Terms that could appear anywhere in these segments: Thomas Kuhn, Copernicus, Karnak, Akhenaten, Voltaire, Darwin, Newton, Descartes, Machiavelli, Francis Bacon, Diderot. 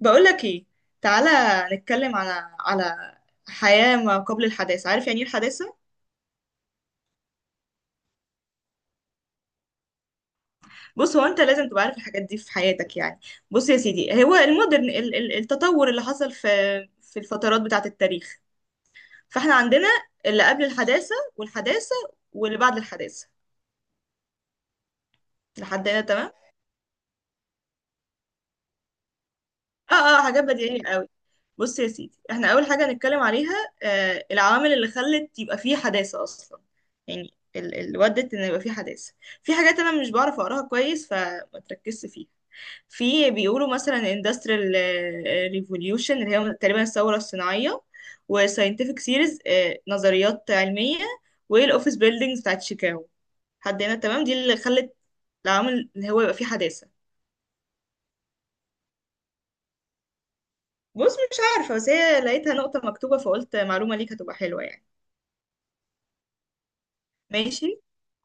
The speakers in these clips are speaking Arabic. بقولك ايه، تعالى نتكلم على حياة ما قبل الحداثة. عارف يعني ايه الحداثة؟ بص هو انت لازم تبقى عارف الحاجات دي في حياتك يعني. بص يا سيدي، هو المودرن التطور اللي حصل في في الفترات بتاعة التاريخ. فاحنا عندنا اللي قبل الحداثة والحداثة واللي بعد الحداثة. لحد هنا تمام؟ اه اه، حاجات بديهية قوي. بص يا سيدي، احنا اول حاجه هنتكلم عليها العوامل اللي خلت يبقى فيه حداثه اصلا. يعني اللي ودت ان يبقى فيه حداثه. في حاجات انا مش بعرف اقراها كويس فما تركزش فيها. في بيقولوا مثلا industrial revolution اللي هي تقريبا الثوره الصناعيه، وساينتفك سيريز، نظريات علميه، والاوفيس بيلدينجز بتاعت شيكاغو. حد هنا تمام؟ دي اللي خلت العوامل ان هو يبقى فيه حداثه. بص مش عارفه، بس هي لقيتها نقطه مكتوبه فقلت معلومه ليك هتبقى حلوه يعني. ماشي.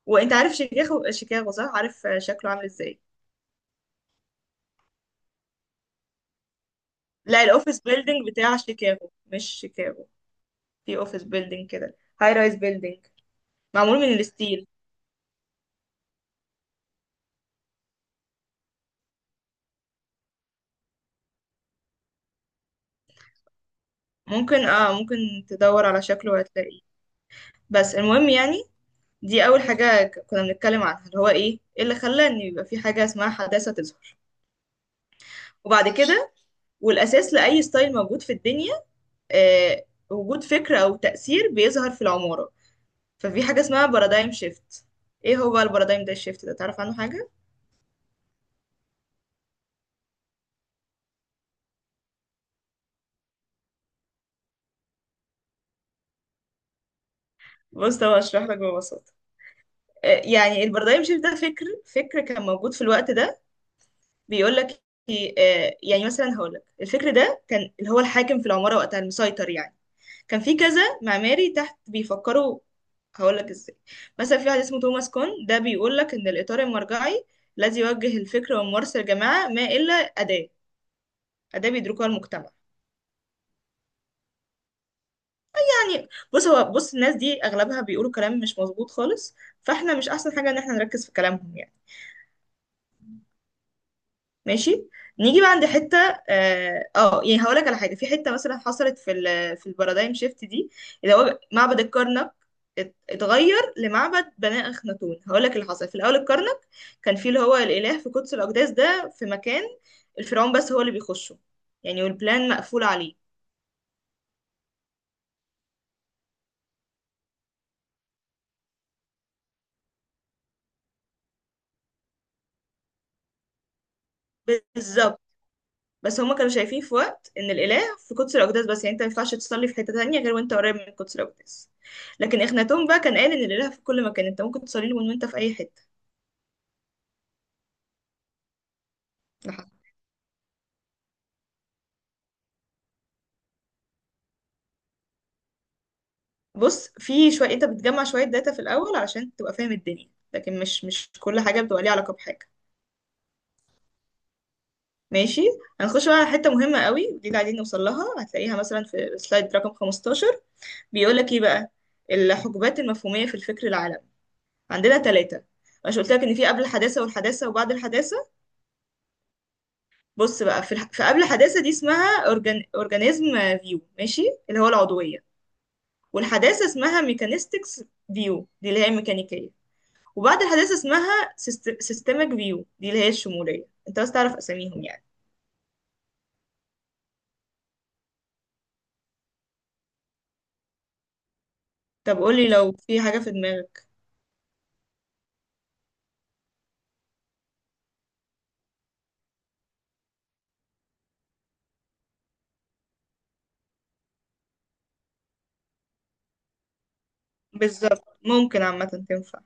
وانت عارف شيكاغو؟ شيكاغو، صح؟ عارف شكله عامل ازاي؟ لا، الاوفيس بيلدينج بتاع شيكاغو مش شيكاغو. في اوفيس بيلدينج كده، هاي رايز بيلدينج، معمول من الستيل. ممكن، اه ممكن تدور على شكله وهتلاقيه. بس المهم يعني، دي اول حاجة كنا بنتكلم عنها، اللي هو إيه اللي خلى ان يبقى في حاجة اسمها حداثة تظهر. وبعد كده، والاساس لاي ستايل موجود في الدنيا، آه وجود فكرة او تأثير بيظهر في العمارة، ففي حاجة اسمها بارادايم شيفت. ايه هو البارادايم ده، الشيفت ده تعرف عنه حاجة؟ بص طب اشرح لك ببساطه. يعني البارادايم شيفت ده فكر كان موجود في الوقت ده. بيقول لك إيه، آه، يعني مثلا هقول لك الفكر ده كان اللي هو الحاكم في العماره وقتها المسيطر يعني. كان في كذا معماري تحت بيفكروا. هقول لك ازاي. مثلا في واحد اسمه توماس كون، ده بيقول لك ان الاطار المرجعي الذي يوجه الفكر وممارسه الجماعه ما الا اداه، اداه بيدركها المجتمع. يعني، بص هو، بص الناس دي اغلبها بيقولوا كلام مش مظبوط خالص، فاحنا مش احسن حاجه ان احنا نركز في كلامهم يعني. ماشي. نيجي بقى عند حته. يعني هقول لك على حاجه في حته مثلا حصلت في ال في البارادايم شيفت دي، اللي هو معبد الكرنك اتغير لمعبد بني اخناتون. هقول لك اللي حصل. في الاول الكرنك كان فيه اللي هو الاله في قدس الاقداس، ده في مكان الفرعون بس هو اللي بيخشه يعني، والبلان مقفول عليه. بالظبط، بس هما كانوا شايفين في وقت ان الاله في قدس الاقداس بس، يعني انت ما ينفعش تصلي في حته تانية غير وانت قريب من قدس الاقداس. لكن اخناتون بقى كان قال ان الاله في كل مكان، انت ممكن تصلي له من وانت في اي حته. ده حقيقي. بص في شوية انت بتجمع شوية داتا في الأول علشان تبقى فاهم الدنيا، لكن مش مش كل حاجة بتبقى ليها علاقة بحاجة. ماشي. هنخش بقى على حتة مهمة قوي، ودي اللي قاعدين نوصل لها، هتلاقيها مثلا في سلايد رقم 15. بيقول لك ايه بقى؟ الحقبات المفهومية في الفكر العالمي عندنا ثلاثة. مش قلت لك ان في قبل الحداثة والحداثة وبعد الحداثة. بص بقى، في قبل الحداثة دي اسمها اورجانيزم فيو، ماشي، اللي هو العضوية. والحداثة اسمها ميكانيستكس فيو، دي اللي هي الميكانيكية. وبعد الحداثة اسمها سيستمك فيو، دي اللي هي الشمولية. انت بس تعرف اساميهم يعني. طب قولي لو في حاجة في دماغك. بالظبط، ممكن عامة تنفع.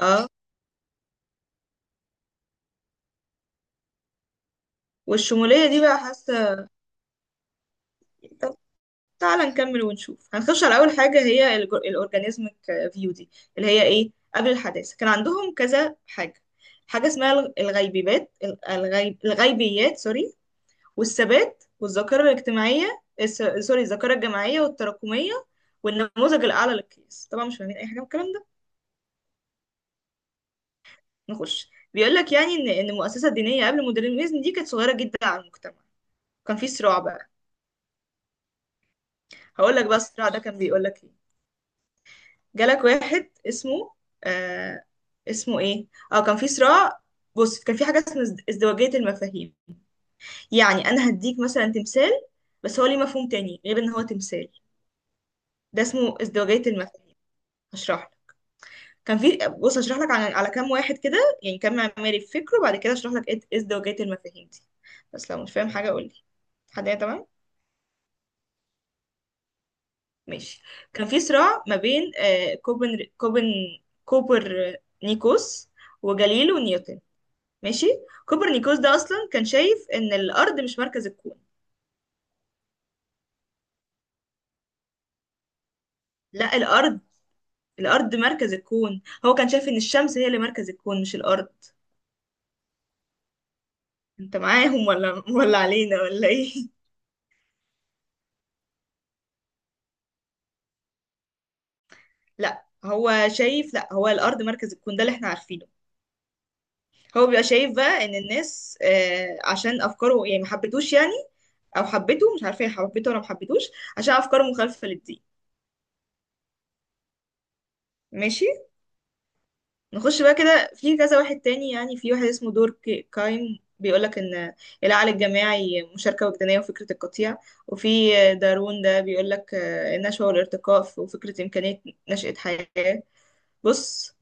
اه، والشمولية دي بقى حاسة. طب تعالى نكمل ونشوف. هنخش على أول حاجة، هي الأورجانيزمك فيو دي، اللي هي ايه؟ قبل الحداثة كان عندهم كذا حاجة. حاجة اسمها الغيبيبات الغيب الغيبيات، سوري، والثبات والذاكرة سوري، الذاكرة الجماعية والتراكمية، والنموذج الأعلى للقياس. طبعا مش فاهمين أي حاجة من الكلام ده. نخش. بيقول لك يعني إن المؤسسة الدينية قبل المودرنيزم دي كانت صغيرة جدا على المجتمع. كان في صراع بقى. هقول لك بقى الصراع ده كان بيقول لك إيه. جالك واحد اسمه آه اسمه إيه أه كان في صراع. بص كان في حاجة اسمها ازدواجية المفاهيم. يعني أنا هديك مثلا تمثال، بس هو ليه مفهوم تاني غير إن هو تمثال، ده اسمه ازدواجية المفاهيم. هشرحه. كان في، بص اشرح لك على كام واحد كده، يعني كام معماري في فكره، وبعد كده اشرح لك ايه ازدواجية المفاهيم دي. بس لو مش فاهم حاجه قول لي. لحد هنا تمام. ماشي. كان في صراع ما بين آه، كوبن كوبن كوبر نيكوس وجاليليو نيوتن. ماشي. كوبرنيكوس ده اصلا كان شايف ان الارض مش مركز الكون. لا، الارض مركز الكون، هو كان شايف ان الشمس هي اللي مركز الكون مش الارض. انت معاهم ولا علينا ولا ايه؟ لا هو شايف، لا هو الارض مركز الكون، ده اللي احنا عارفينه. هو بيبقى شايف بقى ان الناس عشان افكاره، يعني ما حبتوش يعني، او حبته، مش عارفه هي حبته ولا ما حبتوش، عشان افكاره مخالفه للدين. ماشي. نخش بقى كده في كذا واحد تاني. يعني في واحد اسمه دور كايم، بيقولك ان العقل الجماعي مشاركة وجدانية وفكرة القطيع. وفي دارون، ده بيقولك النشوة والارتقاء وفكرة إمكانية نشأة حياة. بص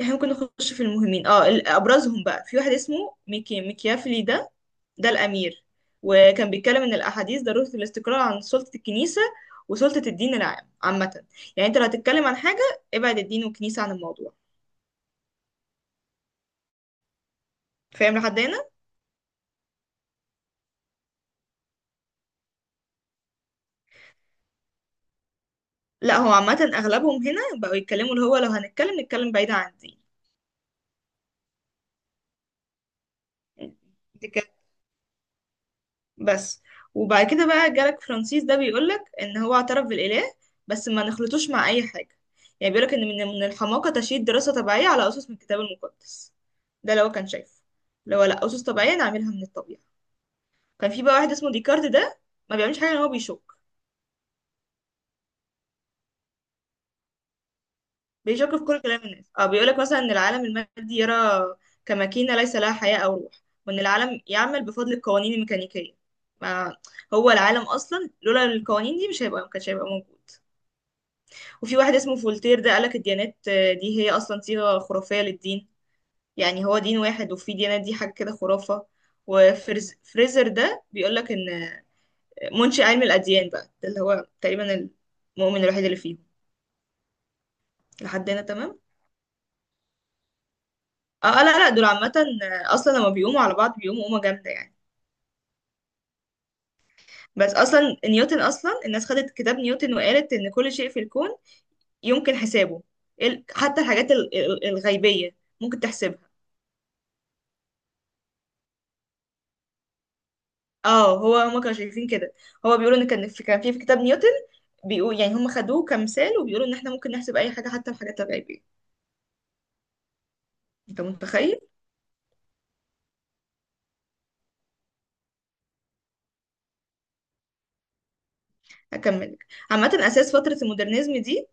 احنا ممكن نخش في المهمين. اه ابرزهم بقى، في واحد اسمه ميكيافيلي، ده ده الامير. وكان بيتكلم ان الاحاديث ضروره الاستقراء عن سلطه الكنيسه وسلطه الدين، العام عامه. يعني انت لو هتتكلم عن حاجه ابعد الدين والكنيسه عن الموضوع. فاهم لحد هنا؟ لا هو عامه اغلبهم هنا بقوا يتكلموا، اللي هو لو هنتكلم نتكلم بعيد عن الدين بس. وبعد كده بقى جالك فرانسيس، ده بيقولك ان هو اعترف بالاله بس ما نخلطوش مع اي حاجه. يعني بيقولك ان من الحماقه تشييد دراسه طبيعيه على اسس من الكتاب المقدس. ده لو كان شايف، لو لا اسس طبيعيه نعملها من الطبيعه. كان في بقى واحد اسمه ديكارت، ده ما بيعملش حاجه ان هو بيشك، بيشك في كل كلام الناس. اه بيقولك مثلا ان العالم المادي يرى كماكينه ليس لها حياه او روح، وان العالم يعمل بفضل القوانين الميكانيكيه. ما هو العالم اصلا لولا القوانين دي مش هيبقى، ما كانش هيبقى موجود. وفي واحد اسمه فولتير، ده قالك الديانات دي هي أصلا صيغة خرافية للدين. يعني هو دين واحد، وفي ديانات، دي حاجة كده خرافة. وفريزر ده بيقولك إن منشئ علم الأديان بقى، ده اللي هو تقريبا المؤمن الوحيد اللي فيهم. لحد هنا تمام. لا لا، دول عامة. أصلا لما بيقوموا على بعض بيقوموا قومة جامدة يعني. بس أصلا نيوتن، أصلا الناس خدت كتاب نيوتن وقالت إن كل شيء في الكون يمكن حسابه. حتى الحاجات الغيبية ممكن تحسبها. اه هو هما كانوا شايفين كده. هو بيقولوا ان كان في، كان في، في كتاب نيوتن بيقول، يعني هم خدوه كمثال وبيقولوا ان احنا ممكن نحسب اي حاجه حتى الحاجات الغيبيه. انت متخيل. هكمل لك. عامه اساس فتره المودرنزم دي،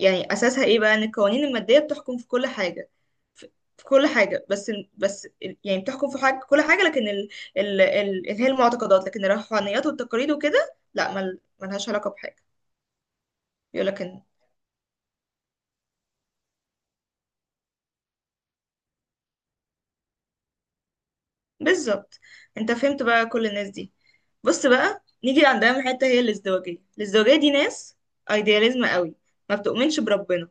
يعني اساسها ايه بقى؟ ان القوانين الماديه بتحكم في كل حاجه، في في كل حاجه. بس يعني بتحكم في حاجه كل حاجه، لكن ال ال ال اللي هي المعتقدات لكن الروحانيات والتقاليد وكده لا، ملهاش علاقه بحاجه. بيقول لك ان، بالظبط. انت فهمت بقى كل الناس دي. بص بقى نيجي عند اهم حته، هي الازدواجيه. الازدواجيه دي ناس ايدياليزم قوي، ما بتؤمنش بربنا.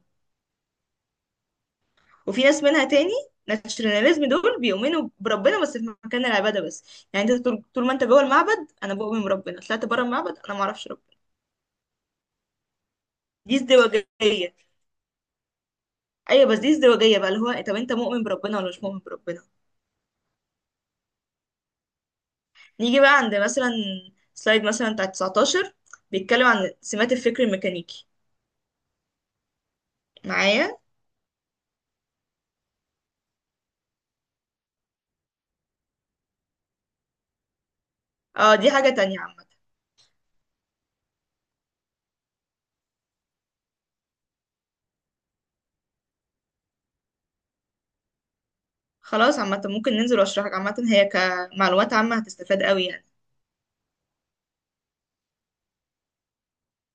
وفي ناس منها تاني ناتشناليزم، دول بيؤمنوا بربنا بس في مكان العباده بس. يعني انت طول ما انت جوه المعبد انا بؤمن بربنا، طلعت بره المعبد انا ما اعرفش ربنا. دي ازدواجيه. ايوه، بس دي ازدواجيه بقى، اللي هو طب انت مؤمن بربنا ولا مش مؤمن بربنا. نيجي بقى عند مثلا سلايد مثلا بتاع 19، بيتكلم عن سمات الفكر الميكانيكي. معايا؟ اه دي حاجة تانية عامة. خلاص عامة ممكن ننزل واشرحك عامة، هي كمعلومات عامة هتستفاد قوي يعني.